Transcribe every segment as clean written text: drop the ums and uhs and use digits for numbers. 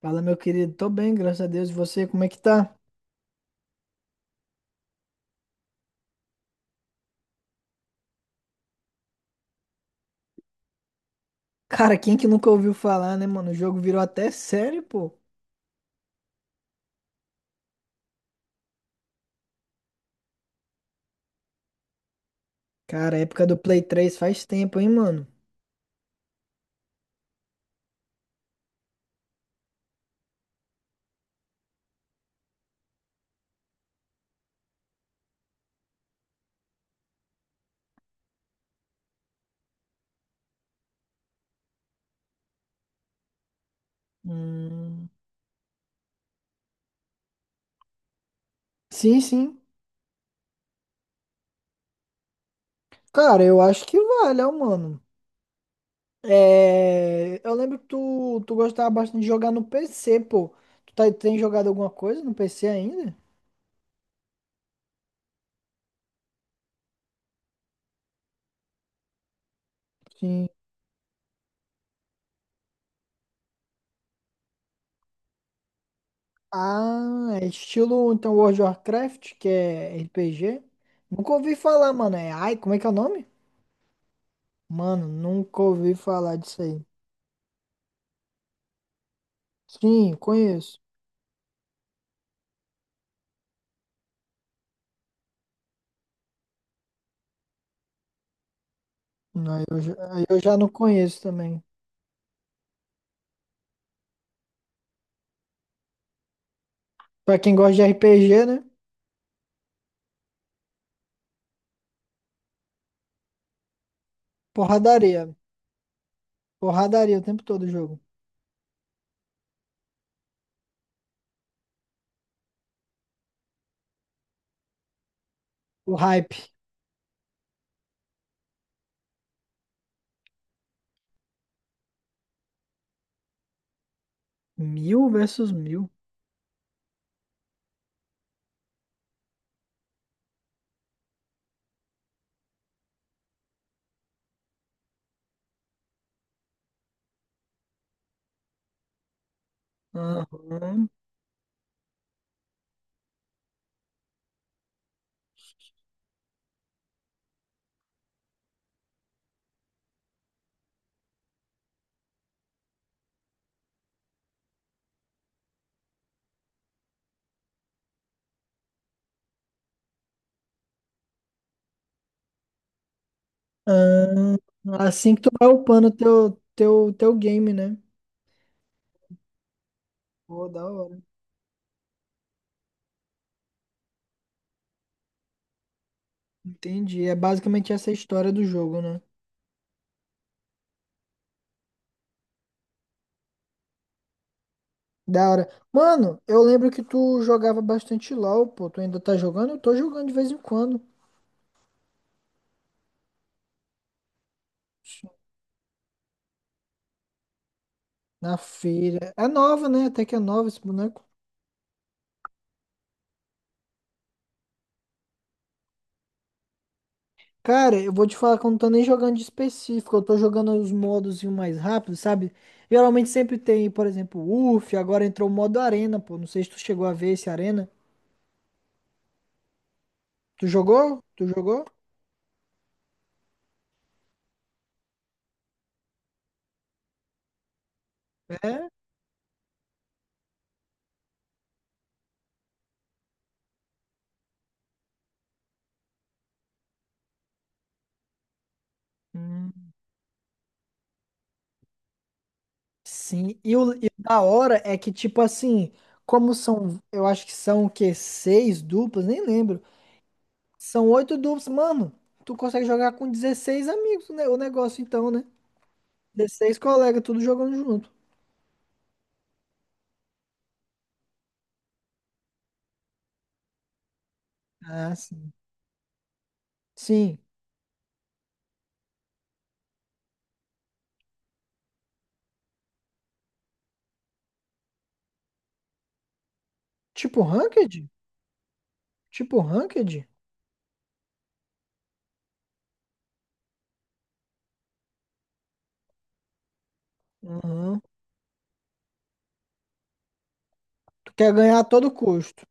Fala, meu querido. Tô bem, graças a Deus. E você, como é que tá? Cara, quem que nunca ouviu falar, né, mano? O jogo virou até série, pô. Cara, a época do Play 3 faz tempo, hein, mano? Hum. Sim, sim. Cara, eu acho que vale, ó, mano. Eu lembro que tu gostava bastante de jogar no PC, pô. Tem jogado alguma coisa no PC ainda? Sim. Ah, é estilo, então, World of Warcraft, que é RPG. Nunca ouvi falar, mano. Ai, como é que é o nome? Mano, nunca ouvi falar disso aí. Sim, conheço. Aí eu já não conheço também. Pra quem gosta de RPG, né? Porradaria. Porradaria o tempo todo o jogo. O hype. Mil versus mil. Aham. Ahn, Assim que tu vai upando teu game, né? Pô, da hora. Entendi. É basicamente essa a história do jogo, né? Da hora. Mano, eu lembro que tu jogava bastante LOL, pô. Tu ainda tá jogando? Eu tô jogando de vez em quando. Na feira. É nova, né? Até que é nova esse boneco. Cara, eu vou te falar que eu não tô nem jogando de específico. Eu tô jogando os modos e o mais rápido, sabe? Geralmente sempre tem, por exemplo, UF. Agora entrou o modo Arena, pô. Não sei se tu chegou a ver esse Arena. Tu jogou? Tu jogou? É? Hum. Sim. E o da hora é que, tipo assim, como são, eu acho que são o quê? Seis duplas? Nem lembro. São oito duplas, mano. Tu consegue jogar com 16 amigos, né? O negócio então, né? 16 colegas, tudo jogando junto. Ah, sim. Sim. Tipo ranked? Tipo ranked? Uhum. Tu quer ganhar a todo custo.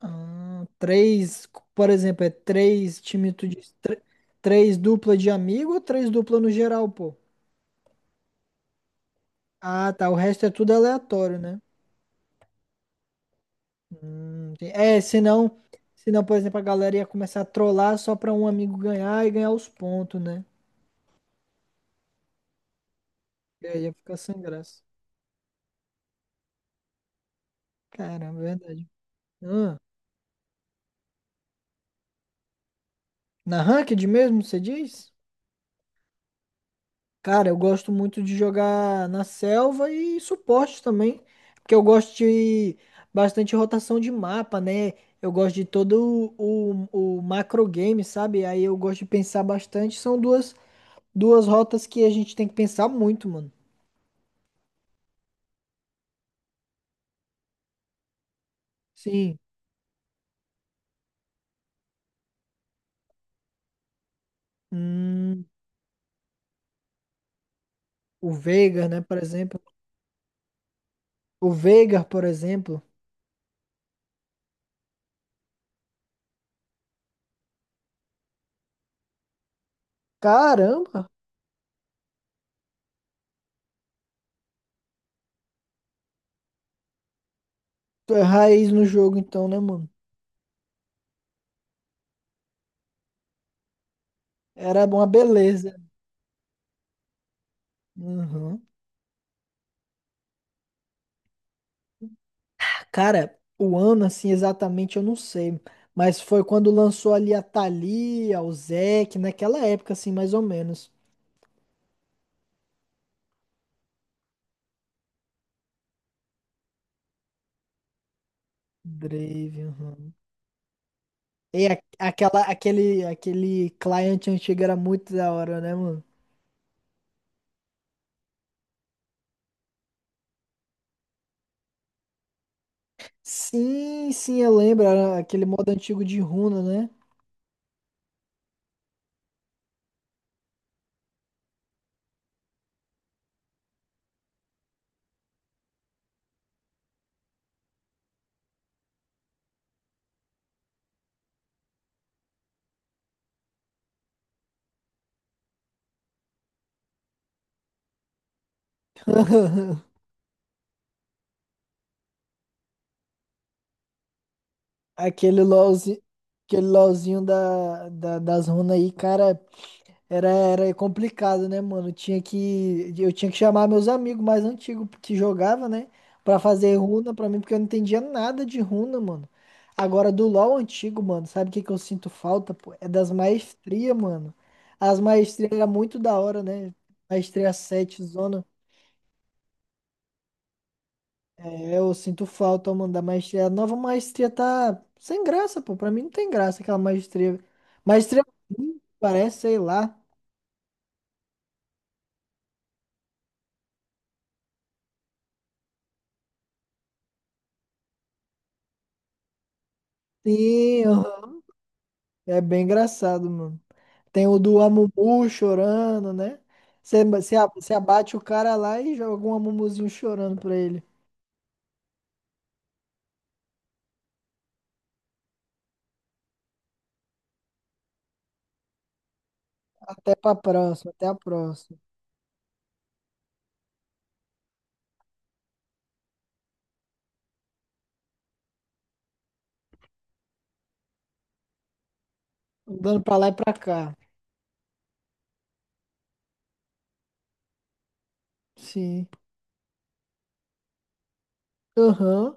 Ah, três, por exemplo, é três time tu diz, três dupla de amigo ou três dupla no geral, pô? Ah, tá. O resto é tudo aleatório, né? Hum, tem- é, senão, senão, por exemplo, a galera ia começar a trollar só pra um amigo ganhar e ganhar os pontos, né? E aí ia ficar sem graça. Caramba, é verdade. Ah, na ranked mesmo, você diz? Cara, eu gosto muito de jogar na selva e suporte também, porque eu gosto de bastante rotação de mapa, né? Eu gosto de todo o macro game, sabe? Aí eu gosto de pensar bastante. São duas rotas que a gente tem que pensar muito, mano. Sim. Hum, o Veigar, né, por exemplo. O Veigar, por exemplo. Caramba! Tu é raiz no jogo então, né, mano? Era uma beleza. Uhum. Cara, o ano, assim, exatamente eu não sei, mas foi quando lançou ali a Thalia, o Zeke, naquela época, assim, mais ou menos. Drave, aham. E a- aquele cliente antigo era muito da hora, né, mano? Sim, sim, eu lembro, era aquele modo antigo de runa, né? Aquele LOLzinho, aquele LOLzinho das runas aí, cara, era complicado, né, mano? Eu tinha que chamar meus amigos mais antigos que jogava, né, pra fazer runa pra mim, porque eu não entendia nada de runa, mano. Agora, do LoL antigo, mano, sabe o que que eu sinto falta, pô? É das maestrias, mano. As maestrias era muito da hora, né? Maestria 7 zona. É, eu sinto falta, mano, da maestria. A nova maestria tá sem graça, pô. Pra mim não tem graça aquela maestria. Maestria, parece, sei lá. Sim, aham. É bem engraçado, mano. Tem o do Amumu chorando, né? Você abate o cara lá e joga um Amumuzinho chorando pra ele. Até pra próxima, até a próxima. Andando pra lá e pra cá. Sim. Aham.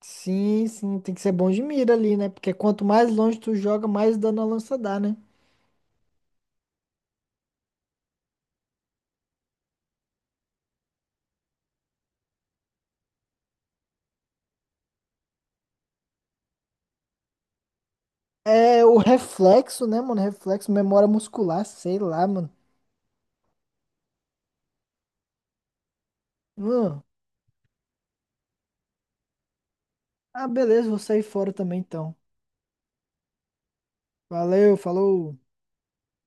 Sim, sim. Tem que ser bom de mira ali, né? Porque quanto mais longe tu joga, mais dano a lança dá, né? É o reflexo, né, mano? Reflexo, memória muscular, sei lá, mano. Hum. Ah, beleza, vou sair fora também então. Valeu, falou.